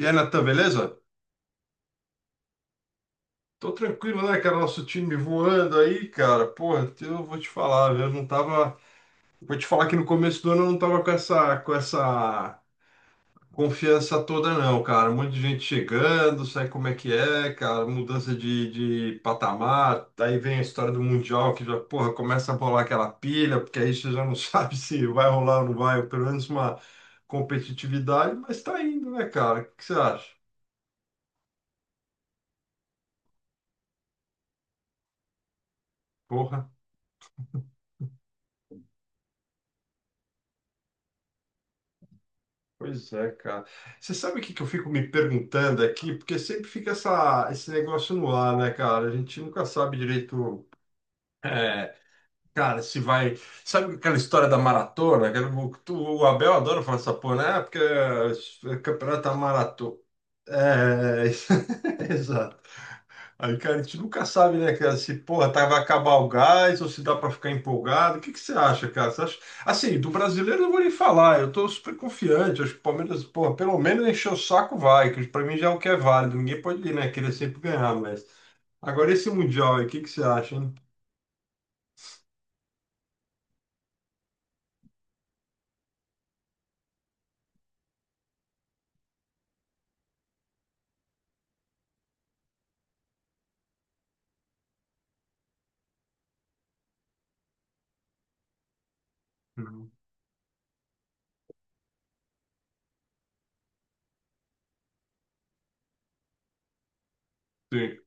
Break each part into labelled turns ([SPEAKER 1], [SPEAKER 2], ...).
[SPEAKER 1] E aí, Natan, beleza? Tô tranquilo, né, cara? Nosso time voando aí, cara. Porra, eu vou te falar, eu não tava. Vou te falar que no começo do ano eu não tava com essa confiança toda, não, cara. Um monte de gente chegando, sabe como é que é, cara? Mudança de patamar. Daí vem a história do Mundial, que já, porra, começa a rolar aquela pilha, porque aí você já não sabe se vai rolar ou não vai, ou pelo menos uma competitividade, mas tá indo, né, cara? O que você acha? Porra. Pois é, cara. Você sabe o que que eu fico me perguntando aqui? Porque sempre fica esse negócio no ar, né, cara? A gente nunca sabe direito, é, cara, se vai. Sabe aquela história da maratona? O Abel adora falar essa porra, né? Ah, porque é campeonato da maratona. É, exato. Aí, cara, a gente nunca sabe, né, cara, se, porra, tá, vai acabar o gás ou se dá para ficar empolgado. O que que você acha, cara? Você acha... Assim, do brasileiro eu não vou nem falar, eu tô super confiante. Acho que o Palmeiras, porra, pelo menos encher o saco vai, que pra mim já é o que é válido. Ninguém pode, né, querer sempre ganhar, mas... Agora esse Mundial aí, o que que você acha, hein? Uhum. Sim.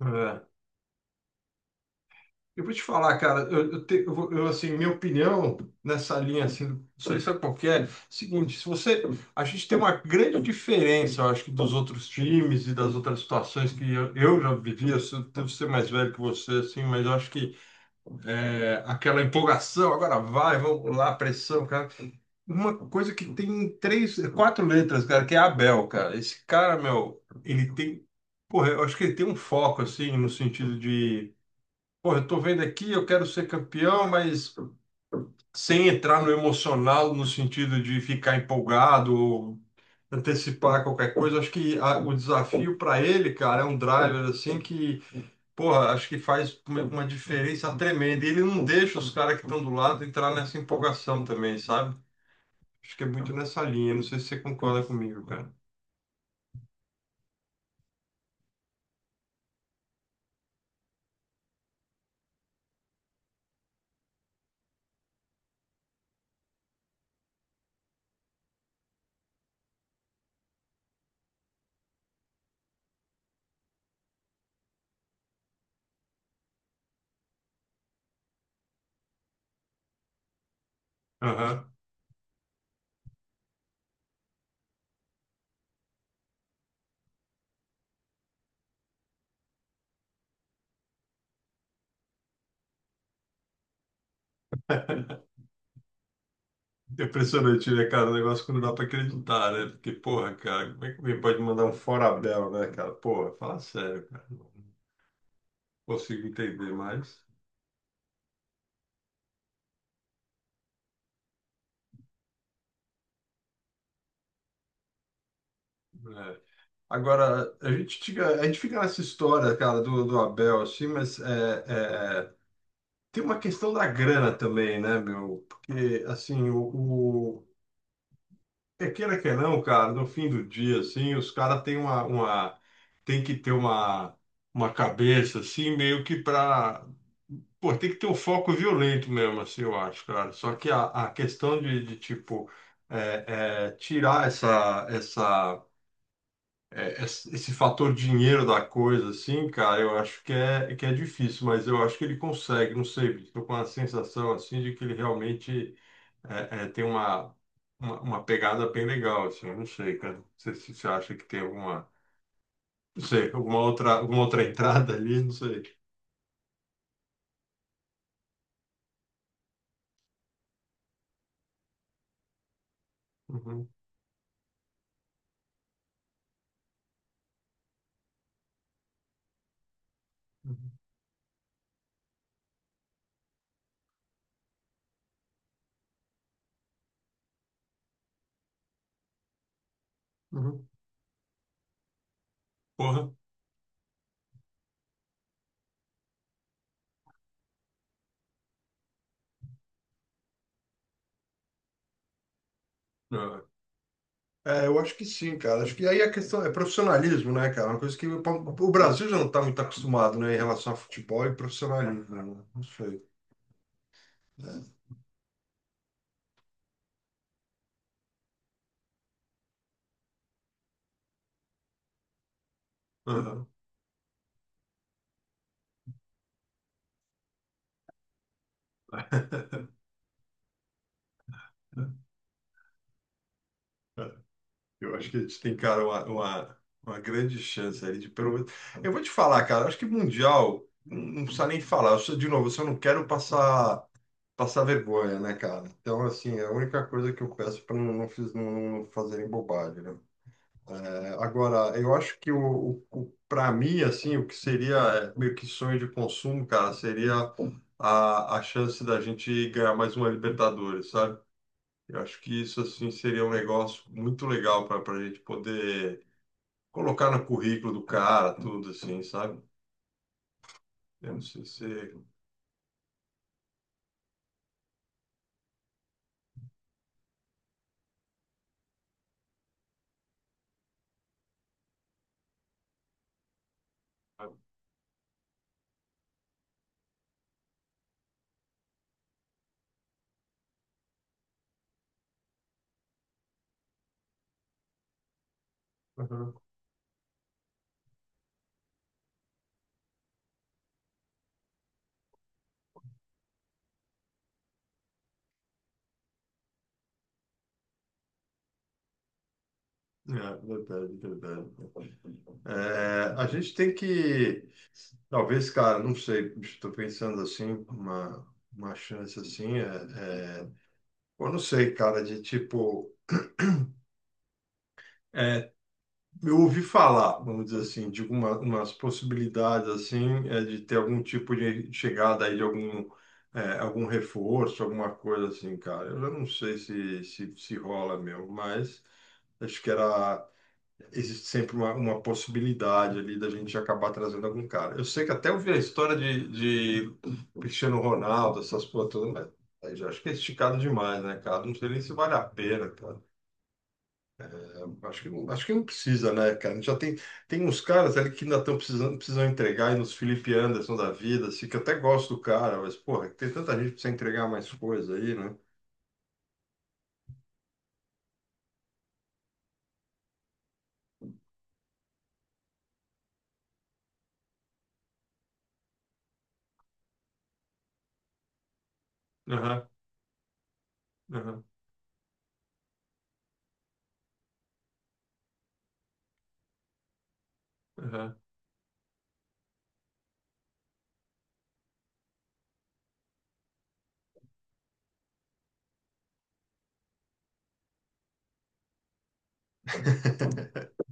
[SPEAKER 1] É. Eu vou te falar, cara, eu, te- eu vou- eu, assim, minha opinião nessa linha, assim, isso aí sabe qual que é? Seguinte, se você, a gente tem uma grande diferença, eu acho que dos outros times e das outras situações que eu já vivi, devo ser mais velho que você, assim, mas eu acho que aquela empolgação, agora vai, vamos lá, pressão, cara. Uma coisa que tem três, quatro letras, cara, que é Abel, cara. Esse cara, meu, ele tem, porra, eu acho que ele tem um foco, assim, no sentido de... Pô, eu tô vendo aqui, eu quero ser campeão, mas sem entrar no emocional, no sentido de ficar empolgado ou antecipar qualquer coisa. Acho que o desafio para ele, cara, é um driver assim que, porra, acho que faz uma diferença tremenda. E ele não deixa os caras que estão do lado entrar nessa empolgação também, sabe? Acho que é muito nessa linha. Não sei se você concorda comigo, cara. Aham. É impressionante, né, cara? O negócio que não dá pra acreditar, né? Porque, porra, cara, como é que alguém pode mandar um fora Abel, né, cara? Porra, fala sério, cara. Não consigo entender mais. É. Agora, a gente fica nessa história, cara, do Abel, assim, mas tem uma questão da grana também, né, meu? Porque, assim, queira que não, cara, no fim do dia, assim, os caras têm tem que ter uma cabeça, assim, meio que pra, pô, tem que ter um foco violento mesmo, assim, eu acho, cara. Só que a questão tipo, tirar esse fator dinheiro da coisa, assim, cara, eu acho que que é difícil, mas eu acho que ele consegue, não sei, bicho, tô com a sensação, assim, de que ele realmente tem uma pegada bem legal, assim, eu não sei, cara. Não sei se você acha que tem alguma, não sei, alguma outra entrada ali, não sei. Uhum, uhum, uhum. Porra. É. É, eu acho que sim, cara. Acho que aí a questão é profissionalismo, né, cara? Uma coisa que o Brasil já não está muito acostumado, né, em relação a futebol e profissionalismo, né? Não sei. É. Uhum. Eu acho que a gente tem, cara, uma grande chance aí de pelo menos. Eu vou te falar, cara, eu acho que Mundial, não, não precisa nem falar. Eu sou, de novo, eu só não quero passar vergonha, né, cara? Então, assim, é a única coisa que eu peço para não fazerem bobagem, né? É, agora, eu acho que para mim, assim, o que seria meio que sonho de consumo, cara, seria a chance da gente ganhar mais uma Libertadores, sabe? Eu acho que isso, assim, seria um negócio muito legal para a gente poder colocar no currículo do cara, tudo assim, sabe? Eu não sei se. Uhum. É, verdade, verdade. É, a gente tem que, talvez, cara, não sei, estou pensando assim, uma chance assim, eu não sei, cara, de tipo. é, Eu ouvi falar, vamos dizer assim, de umas possibilidades assim, de ter algum tipo de chegada aí de algum reforço, alguma coisa assim, cara. Eu já não sei se rola mesmo, mas acho que existe sempre uma possibilidade ali da gente acabar trazendo algum cara. Eu sei que até ouvi a história de Cristiano Ronaldo, essas coisas todas, mas aí já acho que é esticado demais, né, cara? Não sei nem se vale a pena. Acho que, acho que não precisa, né, cara? Já tem uns caras ali que ainda estão precisando, precisam entregar, e nos Felipe Anderson da vida, assim, que eu até gosto do cara, mas, porra, tem tanta gente que precisa entregar mais coisa aí, né? Aham, aham, aham.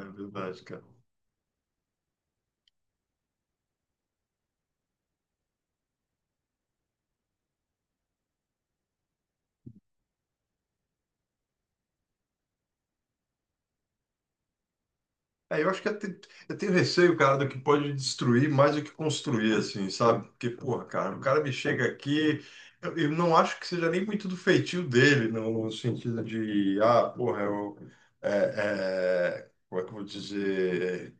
[SPEAKER 1] É verdade, cara. É, eu acho que eu tenho receio, cara, do que pode destruir mais do que construir, assim, sabe? Porque, porra, cara, o cara me chega aqui, eu não acho que seja nem muito do feitio dele, no sentido de, ah, porra, é, como é que eu vou dizer?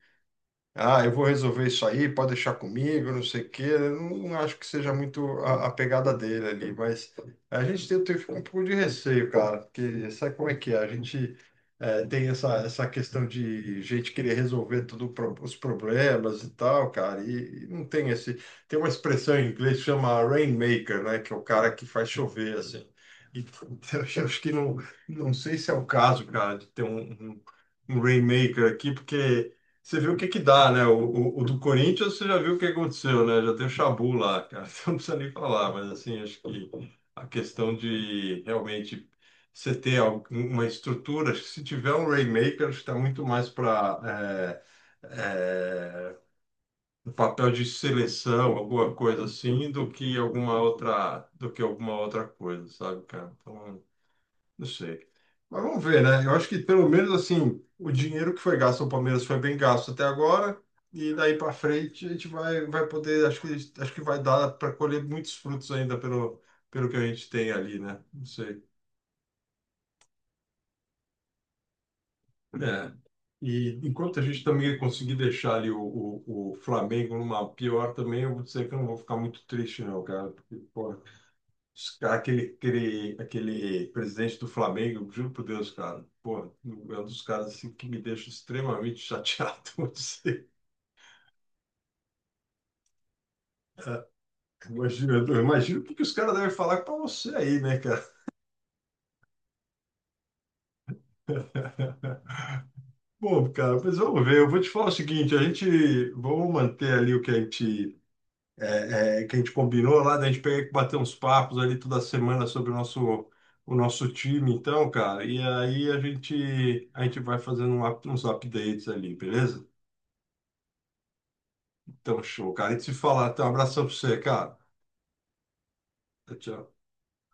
[SPEAKER 1] Ah, eu vou resolver isso aí, pode deixar comigo, não sei o quê. Eu não acho que seja muito a pegada dele ali, mas a gente tem um pouco de receio, cara, porque sabe como é que é? A gente tem essa questão de gente querer resolver tudo, os problemas e tal, cara, e não tem esse. Tem uma expressão em inglês que chama rainmaker, né, que é o cara que faz chover, assim. E eu acho que não, não sei se é o caso, cara, de ter um- um Rainmaker aqui, porque você viu o que que dá, né? O do Corinthians, você já viu o que aconteceu, né? Já tem o Chabu lá, cara. Então não precisa nem falar, mas assim, acho que a questão de realmente você ter uma estrutura, acho que se tiver um Rainmaker, acho que está muito mais para um papel de seleção, alguma coisa assim, do que alguma outra coisa, sabe, cara? Então, não sei. Mas vamos ver, né? Eu acho que pelo menos assim, o dinheiro que foi gasto no Palmeiras foi bem gasto até agora. E daí para frente a gente vai poder, acho que vai dar para colher muitos frutos ainda pelo que a gente tem ali, né? Não sei. É. E enquanto a gente também conseguir deixar ali o Flamengo numa pior também, eu vou dizer que eu não vou ficar muito triste, não, cara. Porque, porra, Esse cara, Aquele, aquele, aquele presidente do Flamengo, juro por Deus, cara. Pô, é um dos caras assim, que me deixa extremamente chateado. Vou dizer. Imagina, eu imagino porque os caras devem falar para você aí, né, cara? Bom, cara, mas vamos ver. Eu vou te falar o seguinte: a gente vamos manter ali o que a gente, é, é, que a gente combinou lá, da gente pegar e bater uns papos ali toda semana sobre o nosso time, então, cara. E aí a gente vai fazendo um uns updates ali, beleza? Então, show, cara. E te falar, então, um abração pra você, cara. Tchau.